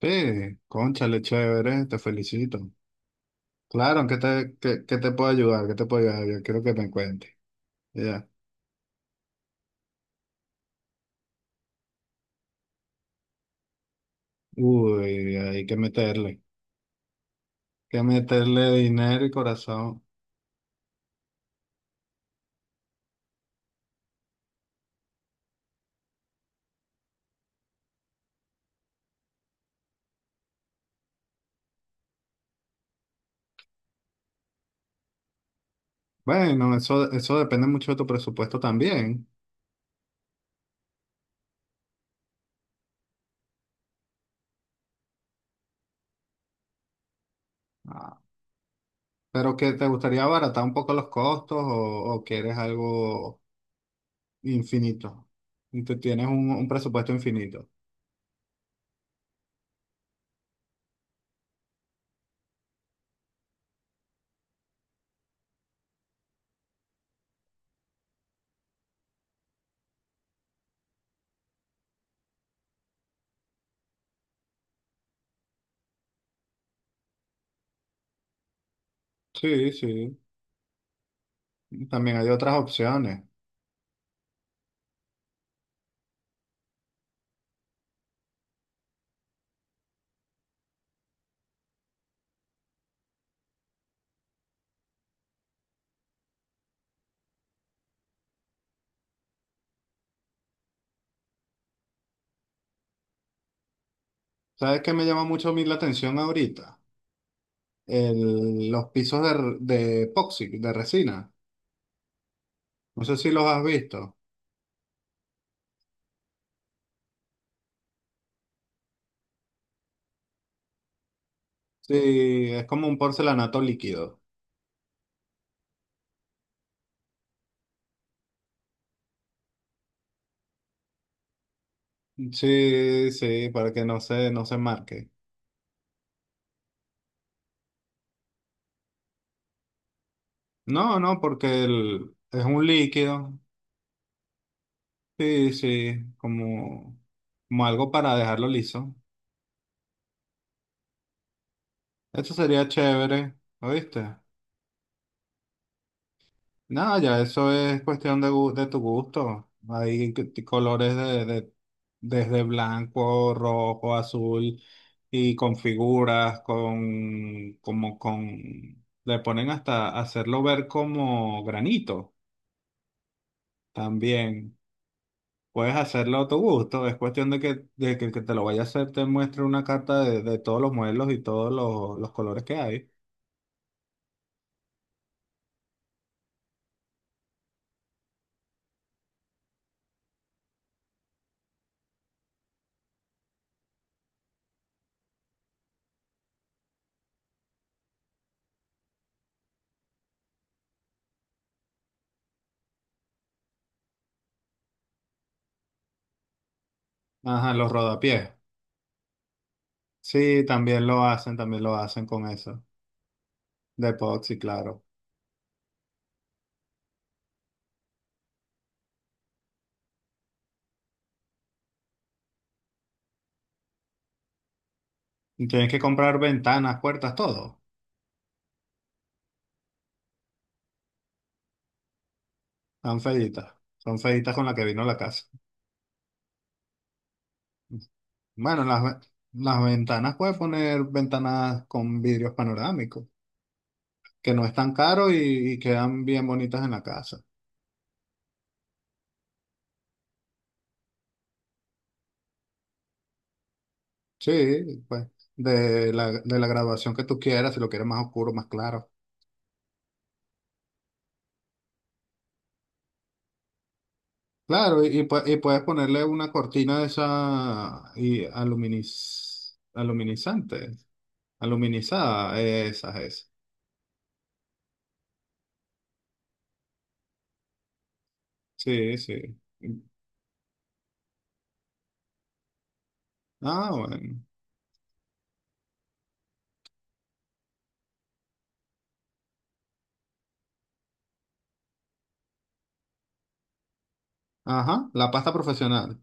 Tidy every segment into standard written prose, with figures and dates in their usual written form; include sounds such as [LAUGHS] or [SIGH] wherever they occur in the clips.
Sí, cónchale, chévere, te felicito. Claro, ¿en ¿qué te, qué, qué te puedo ayudar? ¿Qué te puedo ayudar? Yo quiero que me cuentes. Ya. Uy, hay que meterle. Hay que meterle dinero y corazón. Bueno, eso depende mucho de tu presupuesto también. Ah, pero que te gustaría abaratar un poco los costos o quieres algo infinito. Y tú tienes un presupuesto infinito. Sí, sí. También hay otras opciones. ¿Sabes qué me llama mucho a mí la atención ahorita? Los pisos de epoxi, de resina. No sé si los has visto. Sí, es como un porcelanato líquido. Sí, sí, para que no se marque. No, no, porque es un líquido. Sí, sí, como, como algo para dejarlo liso. Eso sería chévere, ¿oíste? No, ya eso es cuestión de, de tu gusto. Colores desde blanco, rojo, azul y con figuras, con como con le ponen hasta hacerlo ver como granito también. Puedes hacerlo a tu gusto. Es cuestión de que el que te lo vaya a hacer te muestre una carta de todos los modelos y todos los colores que hay. Ajá, los rodapiés. Sí, también lo hacen con eso. De epoxi, claro. Y tienes que comprar ventanas, puertas, todo. Son feitas. Son feitas con la que vino la casa. Bueno, las ventanas puedes poner ventanas con vidrios panorámicos, que no es tan caro y quedan bien bonitas en la casa. Sí, pues, de la graduación que tú quieras, si lo quieres más oscuro, más claro. Claro, y, y puedes ponerle una cortina de esa y aluminizante, aluminizada, esas, es. Sí, sí. Ah, bueno. Ajá, la pasta profesional.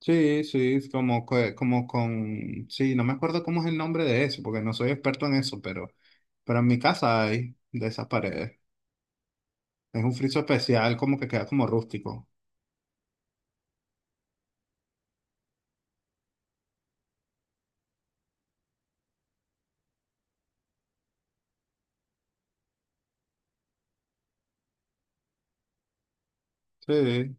Sí, sí, es como, que- como con... Sí, no me acuerdo cómo es el nombre de eso, porque no soy experto en eso, pero en mi casa hay de esas paredes. Es un friso especial, como que queda como rústico. Sí,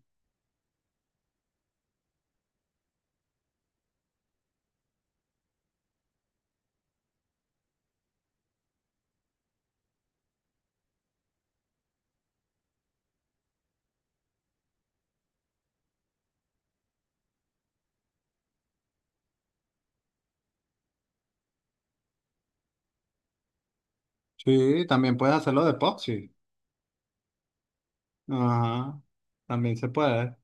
sí, también puedes hacerlo de epoxi. Ajá, también se puede.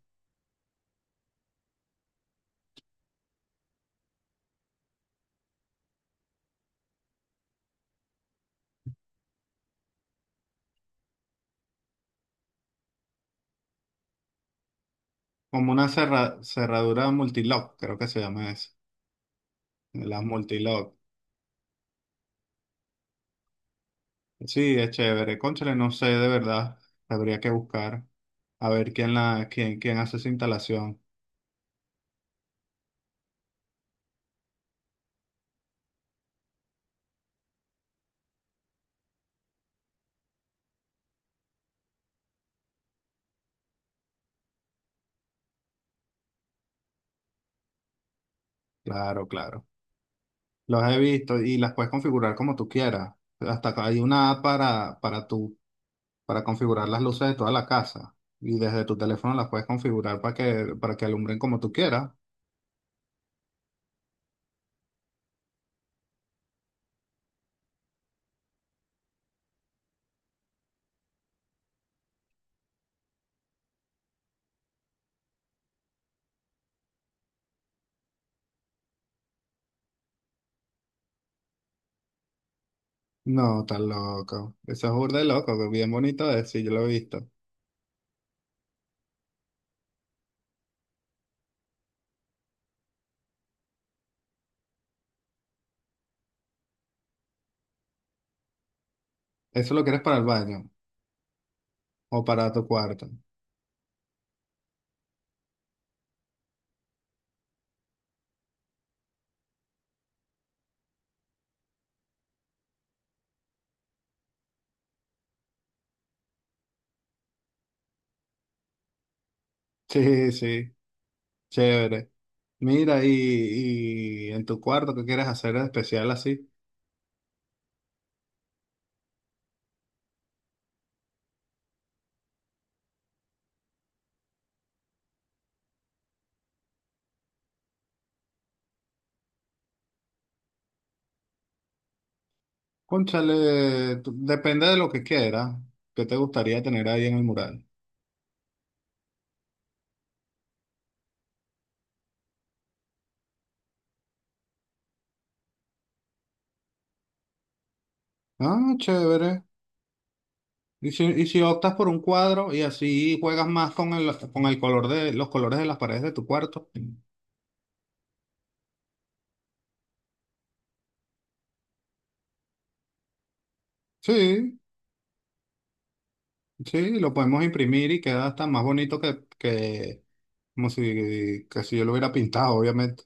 Como una cerradura multilock, creo que se llama eso. La multilock. Sí, es chévere. Cónchale, no sé de verdad. Habría que buscar a ver quién hace esa instalación. Claro, claro. Los he visto y las puedes configurar como tú quieras. Hasta acá hay una app para tú, para configurar las luces de toda la casa. Y desde tu teléfono las puedes configurar para que alumbren como tú quieras. No, tan loco. Eso es burda de loco, que bien bonito es, sí, yo lo he visto. ¿Eso lo quieres para el baño o para tu cuarto? [LAUGHS] Sí, sí, chévere. Mira, y en tu cuarto, ¿qué quieres hacer de especial así? Cónchale, depende de lo que quieras, que te gustaría tener ahí en el mural. Ah, chévere. Y si optas por un cuadro y así juegas más con el color de los colores de las paredes de tu cuarto. Sí, sí, lo podemos imprimir y queda hasta más bonito que como si, que si yo lo hubiera pintado, obviamente.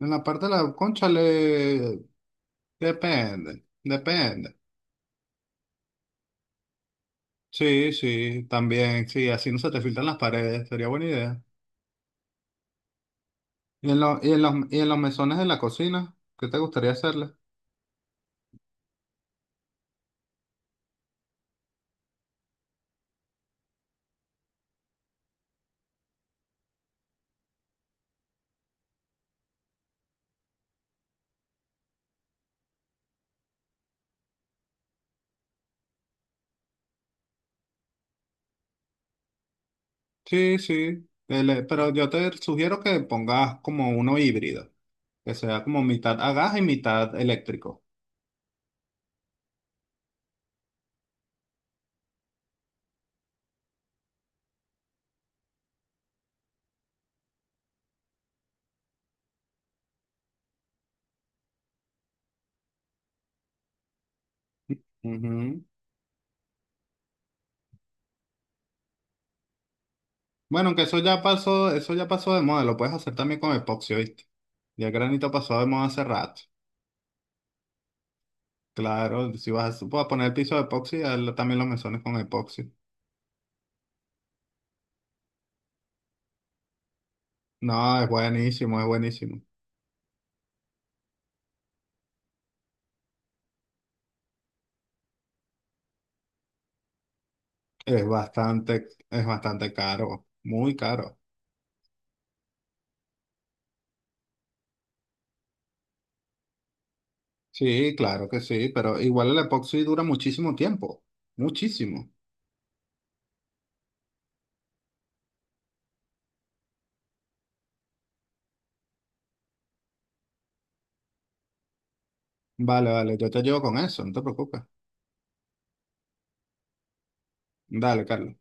En la parte de la cónchale, depende, depende. Sí, sí, también, sí, así no se te filtran las paredes, sería buena idea. ¿Y en, y en los mesones de la cocina? ¿Qué te gustaría hacerle? Sí, sí. El, pero yo te sugiero que pongas como uno híbrido, que sea como mitad a gas y mitad eléctrico. Ujú. Bueno, aunque eso ya pasó de moda, lo puedes hacer también con epoxi, ¿viste? Ya el granito pasó de moda hace rato. Claro, si vas a poner el piso de epoxi, hazlo también los mesones con epoxi. No, es buenísimo, es buenísimo. Es bastante caro, muy caro. Sí, claro que sí, pero igual el epoxi dura muchísimo tiempo, muchísimo. Vale, vale, yo te llevo con eso, no te preocupes. Dale, Carlos.